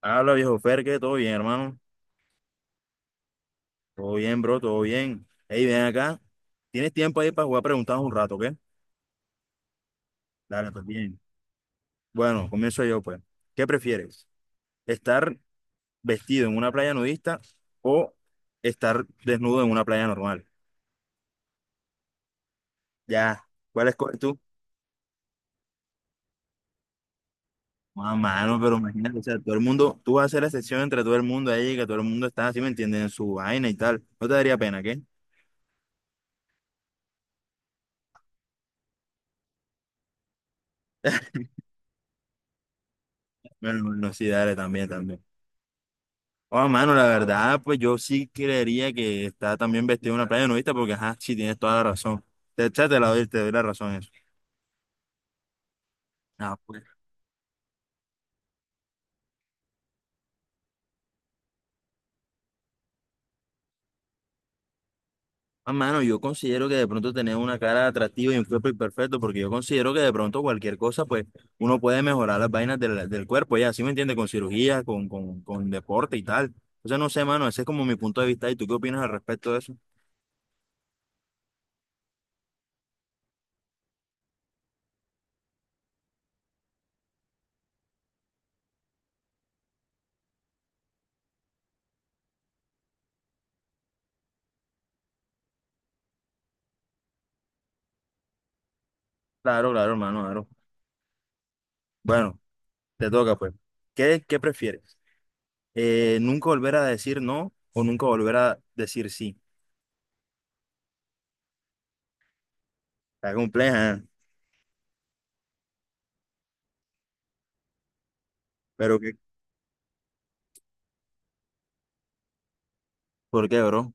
Habla viejo Ferque, todo bien, hermano. Todo bien, bro, todo bien. Hey, ven acá. ¿Tienes tiempo ahí para jugar preguntas un rato, qué? Dale, pues bien. Bueno, comienzo yo, pues. ¿Qué prefieres? ¿Estar vestido en una playa nudista o estar desnudo en una playa normal? Ya, ¿cuál escoges tú? Ah, mano, pero imagínate, o sea, todo el mundo, tú vas a hacer la excepción entre todo el mundo ahí, que todo el mundo está así, ¿me entiendes? En su vaina y tal. ¿No te daría pena, qué? Bueno, no, sí, dale, también, también. Oh, mano, la verdad, pues yo sí creería que está también vestido en una playa nudista, porque ajá, sí tienes toda la razón. Ya te la doy, te doy la razón en eso. Ah, pues. Ah, mano, yo considero que de pronto tener una cara atractiva y un cuerpo imperfecto, porque yo considero que de pronto cualquier cosa, pues uno puede mejorar las vainas del cuerpo, ya, ¿sí me entiendes? Con cirugía, con deporte y tal. O sea, no sé, mano, ese es como mi punto de vista. ¿Y tú qué opinas al respecto de eso? Claro, claro, hermano, claro. Bueno, te toca, pues. ¿Qué prefieres? Nunca volver a decir no o nunca volver a decir sí. Está compleja, ¿eh? Pero que ¿Por qué, bro?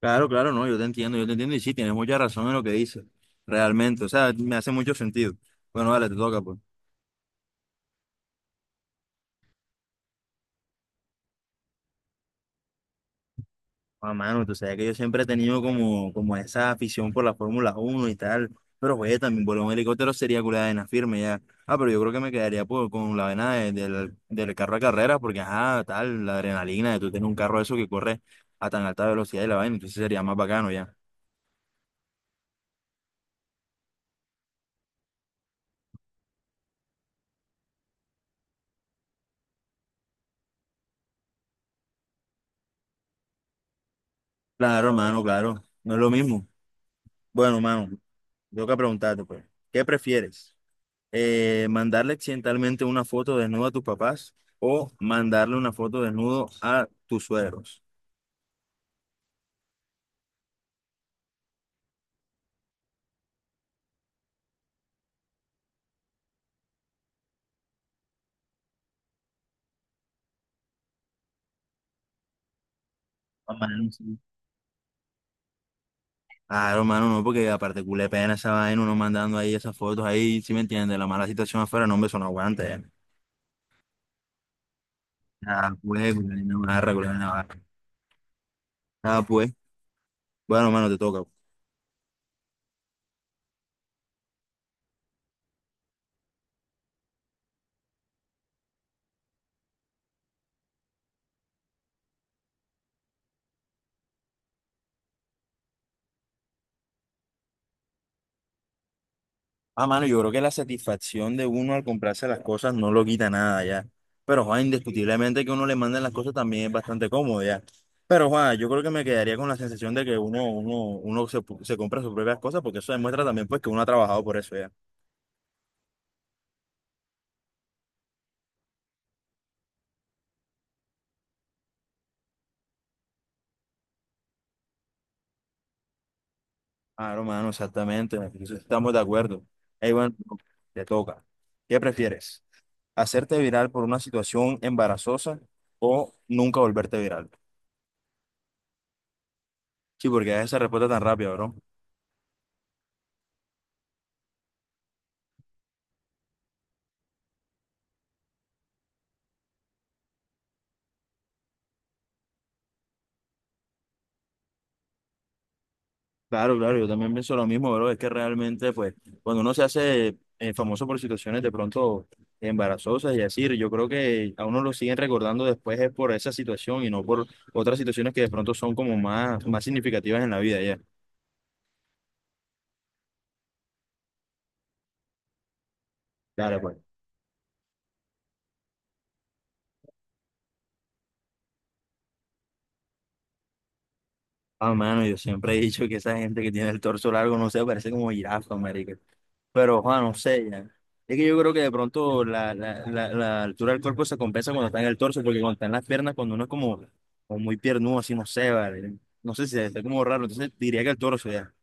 Claro, claro, no, yo te entiendo y sí, tienes mucha razón en lo que dices, realmente, o sea, me hace mucho sentido. Bueno, vale, te toca, pues. Ah, mano, tú sabes que yo siempre he tenido como, como esa afición por la Fórmula 1 y tal, pero oye, también volar un helicóptero sería culada de una firme ya. Ah, pero yo creo que me quedaría con la vena del carro de carrera, porque ajá, tal, la adrenalina de tú tener un carro de eso que corre a tan alta velocidad y la vaina, entonces sería más bacano ya. Claro, mano, claro, no es lo mismo. Bueno, mano, tengo que preguntarte, pues, ¿qué prefieres? ¿Mandarle accidentalmente una foto desnuda a tus papás o mandarle una foto desnudo a tus suegros? Romano, sí. Ah, Romano, no, porque aparte culé pena esa vaina, uno mandando ahí esas fotos ahí, ¿si me entiendes? La mala situación afuera, no, hombre, eso no aguanta. Ah, pues, culé vaina barra, culé vaina barra. Ah, pues, bueno, mano, te toca. Ah, mano, yo creo que la satisfacción de uno al comprarse las cosas no lo quita nada ya. Pero, Juan, indiscutiblemente que uno le manden las cosas también es bastante cómodo ya. Pero, Juan, yo creo que me quedaría con la sensación de que uno se compra sus propias cosas, porque eso demuestra también, pues, que uno ha trabajado por eso ya. Ah, hermano, exactamente. En eso estamos de acuerdo. Ey, bueno, te toca. ¿Qué prefieres? ¿Hacerte viral por una situación embarazosa o nunca volverte viral? Sí, porque esa respuesta tan rápida, bro. Claro, claro, yo también pienso lo mismo, bro. Es que realmente, pues, cuando uno se hace famoso por situaciones de pronto embarazosas y así, yo creo que a uno lo siguen recordando después es por esa situación y no por otras situaciones que de pronto son como más, más significativas en la vida, ya. Claro, pues. Ah, mano, yo siempre he dicho que esa gente que tiene el torso largo, no sé, parece como jirafa, marica. Pero, Juan, no sé, ya. Es que yo creo que de pronto la altura del cuerpo se compensa cuando está en el torso, porque cuando está en las piernas, cuando uno es como, como muy piernudo, así, no sé, vale. No sé si está como raro, entonces diría que el torso, ya.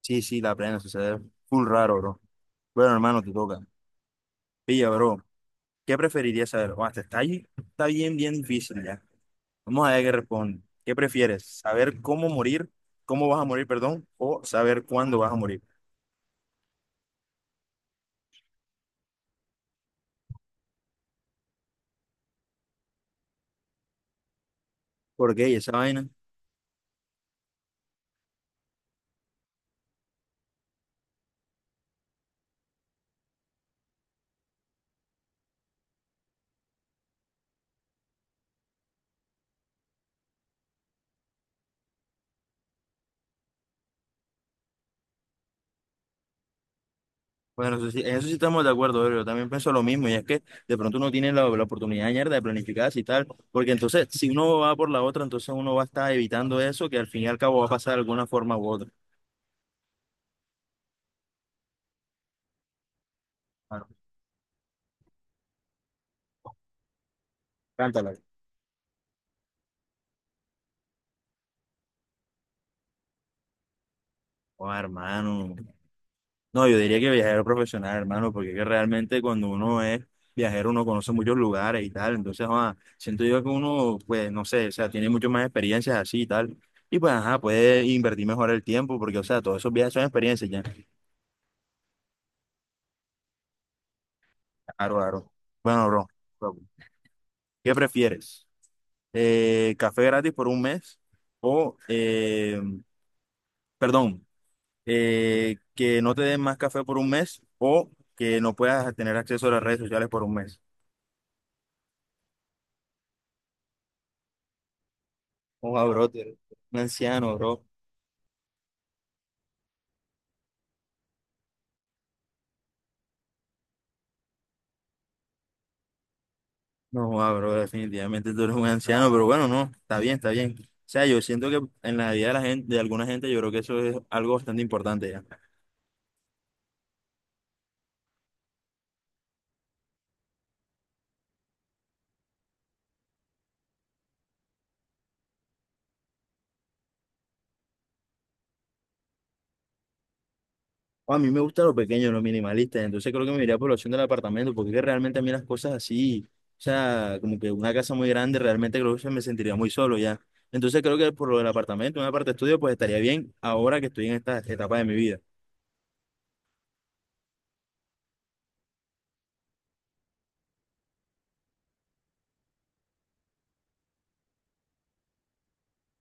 Sí, sí, la plena, sucede full raro, bro. Bueno, hermano, te toca. Pilla, bro, ¿qué preferirías saber? Juan, esta está bien, bien difícil, ya. Vamos a ver qué responde. ¿Qué prefieres? ¿Saber cómo vas a morir, perdón, o saber cuándo vas a morir? Porque esa vaina. Bueno, en eso sí estamos de acuerdo, bro. Yo también pienso lo mismo, y es que de pronto uno tiene la oportunidad mierda de planificarse y tal, porque entonces, si uno va por la otra, entonces uno va a estar evitando eso, que al fin y al cabo va a pasar de alguna forma u otra. Claro. Cántala. Oh, hermano. No, yo diría que viajero profesional, hermano, porque es que realmente cuando uno es viajero uno conoce muchos lugares y tal, entonces, ah, siento yo que uno, pues, no sé, o sea, tiene mucho más experiencias así y tal, y pues, ajá, puede invertir mejor el tiempo, porque, o sea, todos esos viajes son experiencias ya. Claro, claro. Bueno, bro, ¿qué prefieres? ¿Café gratis por un mes? O, perdón, que no te den más café por un mes o que no puedas tener acceso a las redes sociales por un mes. Ojo, bro, tú eres un anciano, bro. No, joda, bro, definitivamente tú eres un anciano, pero bueno, no, está bien, está bien. O sea, yo siento que en la vida de la gente, de alguna gente, yo creo que eso es algo bastante importante ya. O a mí me gusta lo pequeño, lo minimalista, entonces creo que me iría por la opción del apartamento, porque es que realmente a mí las cosas así, o sea, como que una casa muy grande, realmente creo que se me sentiría muy solo ya. Entonces creo que por lo del apartamento, una parte estudio, pues estaría bien ahora que estoy en esta etapa de mi vida.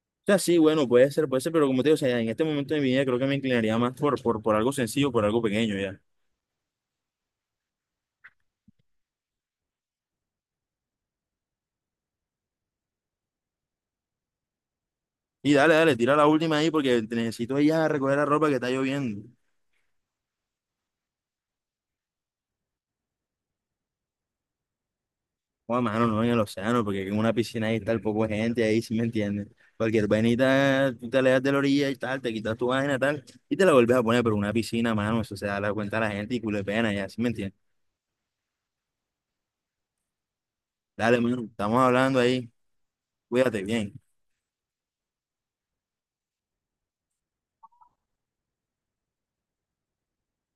O sea, sí, bueno, puede ser, pero como te digo, o sea, en este momento de mi vida creo que me inclinaría más por algo sencillo, por algo pequeño ya. Y dale, dale, tira la última ahí porque necesito ir a recoger la ropa que está lloviendo. Joder, mano, no, en el océano, porque en una piscina ahí está el poco de gente ahí, si me entiendes. Cualquier vainita, tú te alejas de la orilla y tal, te quitas tu vaina tal, y te la vuelves a poner, pero una piscina, mano, eso se da la cuenta a la gente y culo de pena ya, si me entiendes. Dale, mano, estamos hablando ahí, cuídate bien.